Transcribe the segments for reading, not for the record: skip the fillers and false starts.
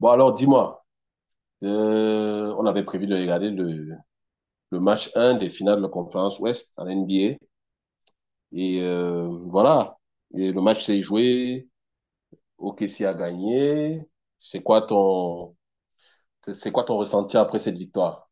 Bon, alors dis-moi, on avait prévu de regarder le match un des finales de la conférence Ouest en NBA. Voilà, et le match s'est joué, OKC a gagné. C'est quoi ton, c'est quoi ton ressenti après cette victoire?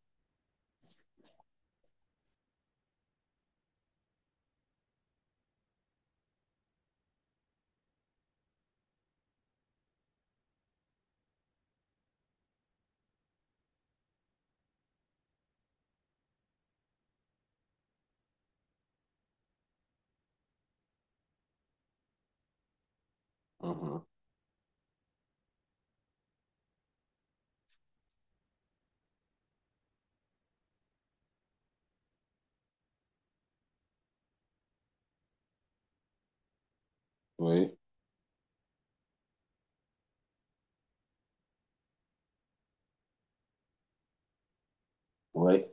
Mhm. Oui, oui.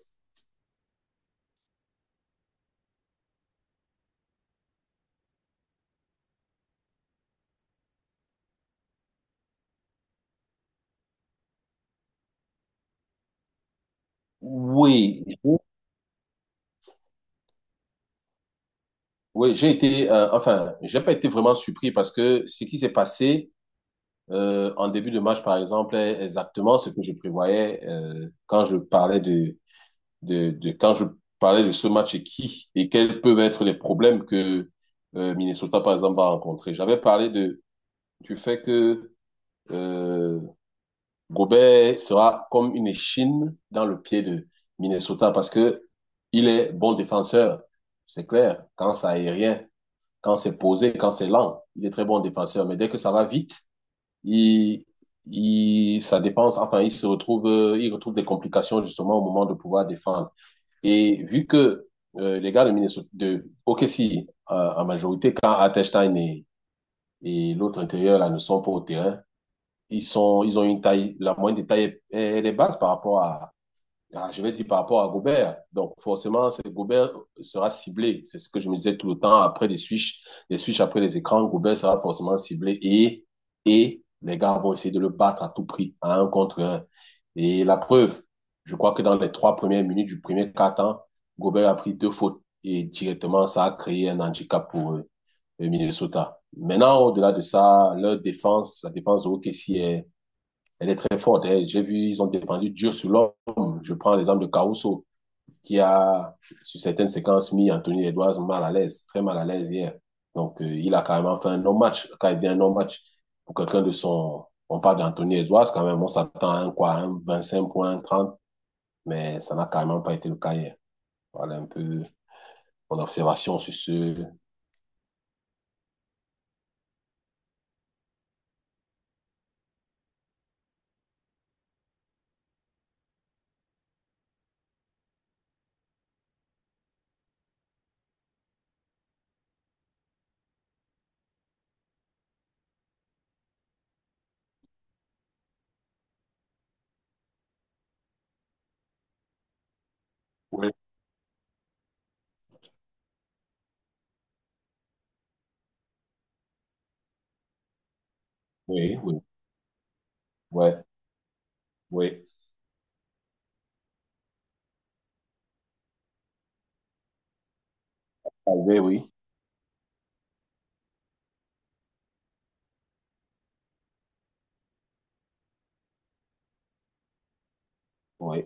Oui, oui, j'ai été, enfin, j'ai pas été vraiment surpris parce que ce qui s'est passé en début de match, par exemple, est exactement ce que je prévoyais quand je parlais de quand je parlais de ce match et qui et quels peuvent être les problèmes que Minnesota, par exemple, va rencontrer. J'avais parlé de, du fait que euh, Gobert sera comme une échine dans le pied de Minnesota parce que il est bon défenseur, c'est clair, quand c'est aérien, quand c'est posé, quand c'est lent, il est très bon défenseur. Mais dès que ça va vite, il, ça dépense, enfin, il se retrouve, il retrouve des complications justement au moment de pouvoir défendre. Et vu que les gars de Minnesota, de OKC, en majorité, quand Hartenstein et l'autre intérieur là, ne sont pas au terrain, ils ont une taille, la moyenne de taille est basse par rapport à, ah, je vais dire par rapport à Gobert. Donc, forcément, Gobert sera ciblé. C'est ce que je me disais tout le temps. Après les switches après les écrans, Gobert sera forcément ciblé et les gars vont essayer de le battre à tout prix, à un contre un. Et la preuve, je crois que dans les trois premières minutes du premier quart-temps, Gobert a pris deux fautes et directement, ça a créé un handicap pour le Minnesota. Maintenant, au-delà de ça, leur défense, la défense de OKC est elle est très forte, hein. J'ai vu, ils ont dépendu dur sur l'homme. Je prends l'exemple de Caruso, qui a, sur certaines séquences, mis Anthony Edwards mal à l'aise, très mal à l'aise hier. Donc, il a carrément fait un non-match. Quand il dit un non-match, pour quelqu'un de son. On parle d'Anthony Edwards, quand même, on s'attend à un, quoi, un 25 points, 30, mais ça n'a carrément pas été le cas hier. Voilà un peu mon observation sur ce. Oui. Oui, oui, ouais, oui. Ah, oui, oui, oui.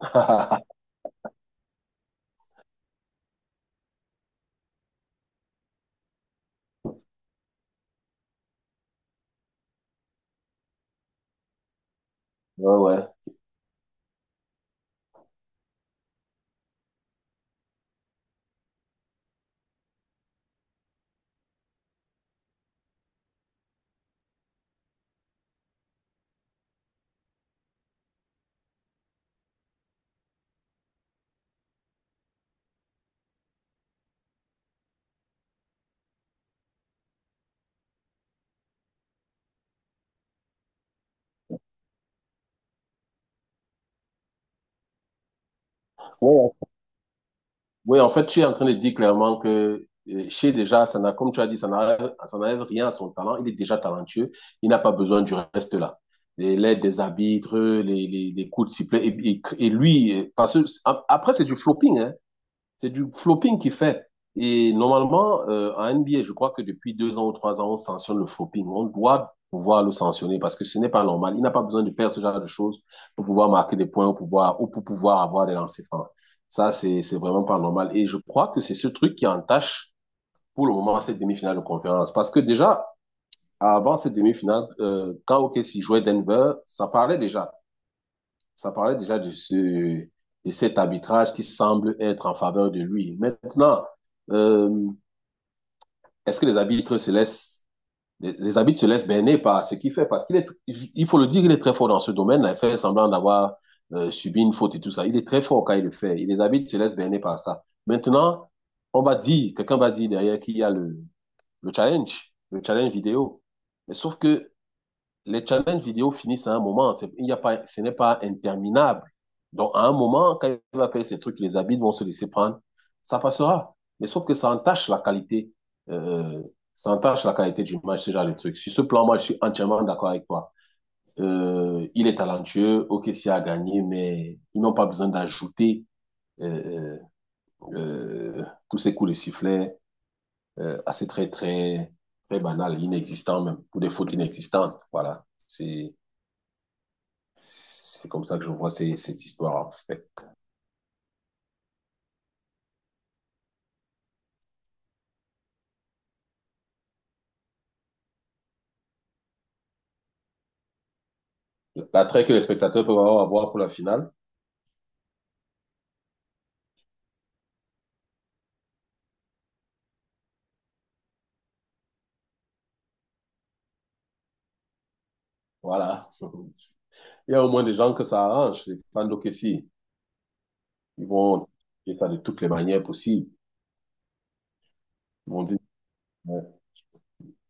Ouais, ouais. Ouais, oui, en fait, tu es en train de dire clairement que Shea, déjà, ça n'a, comme tu as dit, ça n'enlève rien à son talent. Il est déjà talentueux. Il n'a pas besoin du reste là. L'aide des arbitres, les coups de sifflet. Et lui, parce que après, c'est du flopping, hein. C'est du flopping qu'il fait. Et normalement, en NBA, je crois que depuis deux ans ou trois ans, on sanctionne le flopping. On doit pouvoir le sanctionner parce que ce n'est pas normal. Il n'a pas besoin de faire ce genre de choses pour pouvoir marquer des points ou pour pouvoir avoir des lancers francs. Ça, c'est vraiment pas normal. Et je crois que c'est ce truc qui entache pour le moment cette demi-finale de conférence. Parce que déjà, avant cette demi-finale, quand OKC jouait Denver, ça parlait déjà. Ça parlait déjà de, ce, de cet arbitrage qui semble être en faveur de lui. Maintenant, euh, est-ce que les arbitres se laissent berner par ce qu'il fait, parce qu'il est, il faut le dire, il est très fort dans ce domaine là, il fait semblant d'avoir subi une faute et tout ça, il est très fort quand il le fait et les arbitres se laissent berner par ça. Maintenant, on va dire, quelqu'un va dire derrière qu'il y a le challenge, le challenge vidéo, mais sauf que les challenges vidéo finissent à un moment. Il y a pas, ce n'est pas interminable. Donc, à un moment, quand il va faire ces trucs, les habits vont se laisser prendre. Ça passera. Mais sauf que ça entache la qualité. Euh, Ça entache la qualité du match, ce genre de trucs. Sur ce plan, moi, je suis entièrement d'accord avec toi. Il est talentueux, ok, c'est à gagner, mais ils n'ont pas besoin d'ajouter euh, tous ces coups de sifflet à ces très, très, très banal, inexistant même, ou des fautes inexistantes. Voilà. C'est comme ça que je vois cette histoire, en fait. L'attrait que les spectateurs peuvent avoir pour la finale, voilà. Il y a au moins des gens que ça arrange, les fans d'OKC. Ils vont faire ça de toutes les manières possibles. Ils vont dire, euh,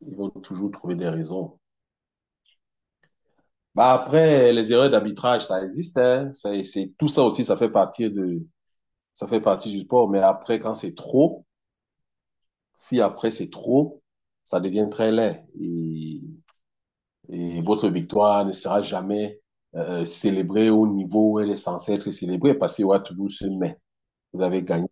ils vont toujours trouver des raisons. Bah après, les erreurs d'arbitrage, ça existe, hein. C'est, tout ça aussi, ça fait partie de, ça fait partie du sport. Mais après, quand c'est trop, si après c'est trop, ça devient très laid. Et votre victoire ne sera jamais célébrée au niveau où elle est censée être célébrée parce qu'il y aura toujours ce mais. Vous avez gagné.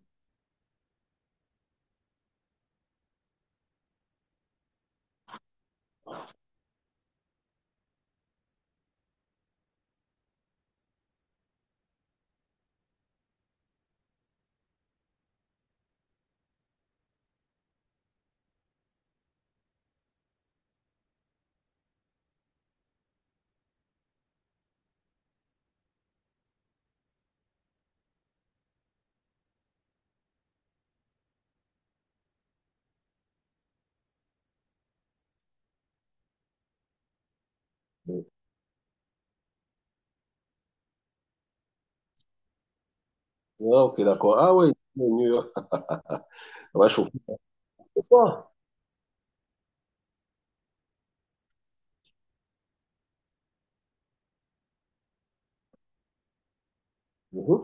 Ah, ok, d'accord. Ah oui, New York. On va chauffer le soir. Mhm.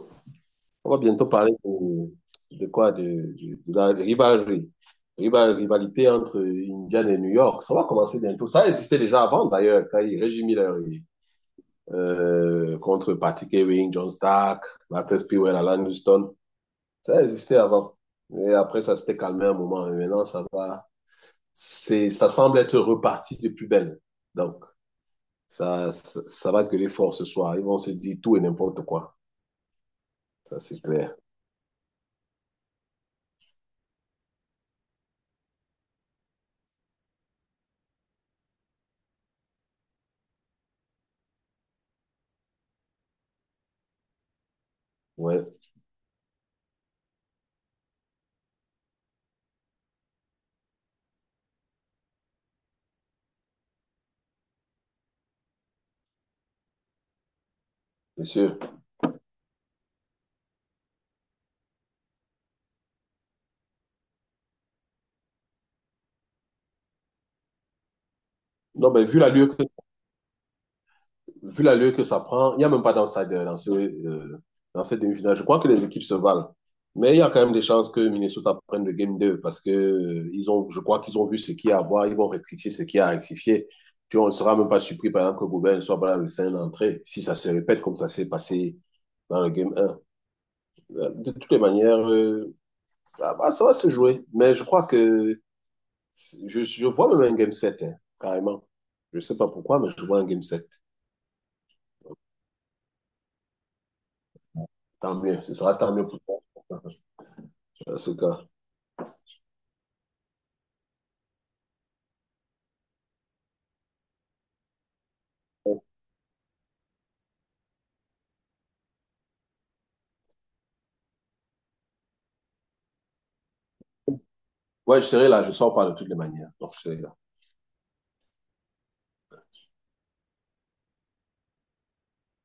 On va bientôt parler de quoi? De, de la rivalité. Rivalité entre Indiana et New York. Ça va commencer bientôt. Ça existait déjà avant, d'ailleurs, quand il Reggie Miller et, contre Patrick Ewing, John Stark, Latrell Sprewell, Alan Houston. Ça existait avant. Et après, ça s'était calmé un moment. Mais maintenant, ça va. C'est, ça semble être reparti de plus belle. Donc, ça va gueuler fort ce soir. Ils vont se dire tout et n'importe quoi. Ça, c'est clair. Ouais, monsieur. Non, mais vu la lieu que ça prend, il n'y a même pas d'outsider dans, ce, dans cette demi-finale. Je crois que les équipes se valent. Mais il y a quand même des chances que Minnesota prenne le game 2 parce que ils ont, je crois qu'ils ont vu ce qu'il y a à voir, ils vont rectifier ce qu'il y a à rectifier. Puis on ne sera même pas surpris, par exemple, que Gobert ne soit pas là le 5 d'entrée, si ça se répète comme ça s'est passé dans le game un. De toutes les manières, ça va se jouer. Mais je crois que je vois même un game sept, hein, carrément. Je ne sais pas pourquoi, mais je vois un game 7. Tant mieux, ce sera tant mieux pour toi. Asuka. Ouais, je serai là, je sors pas de toutes les manières. Donc, je serai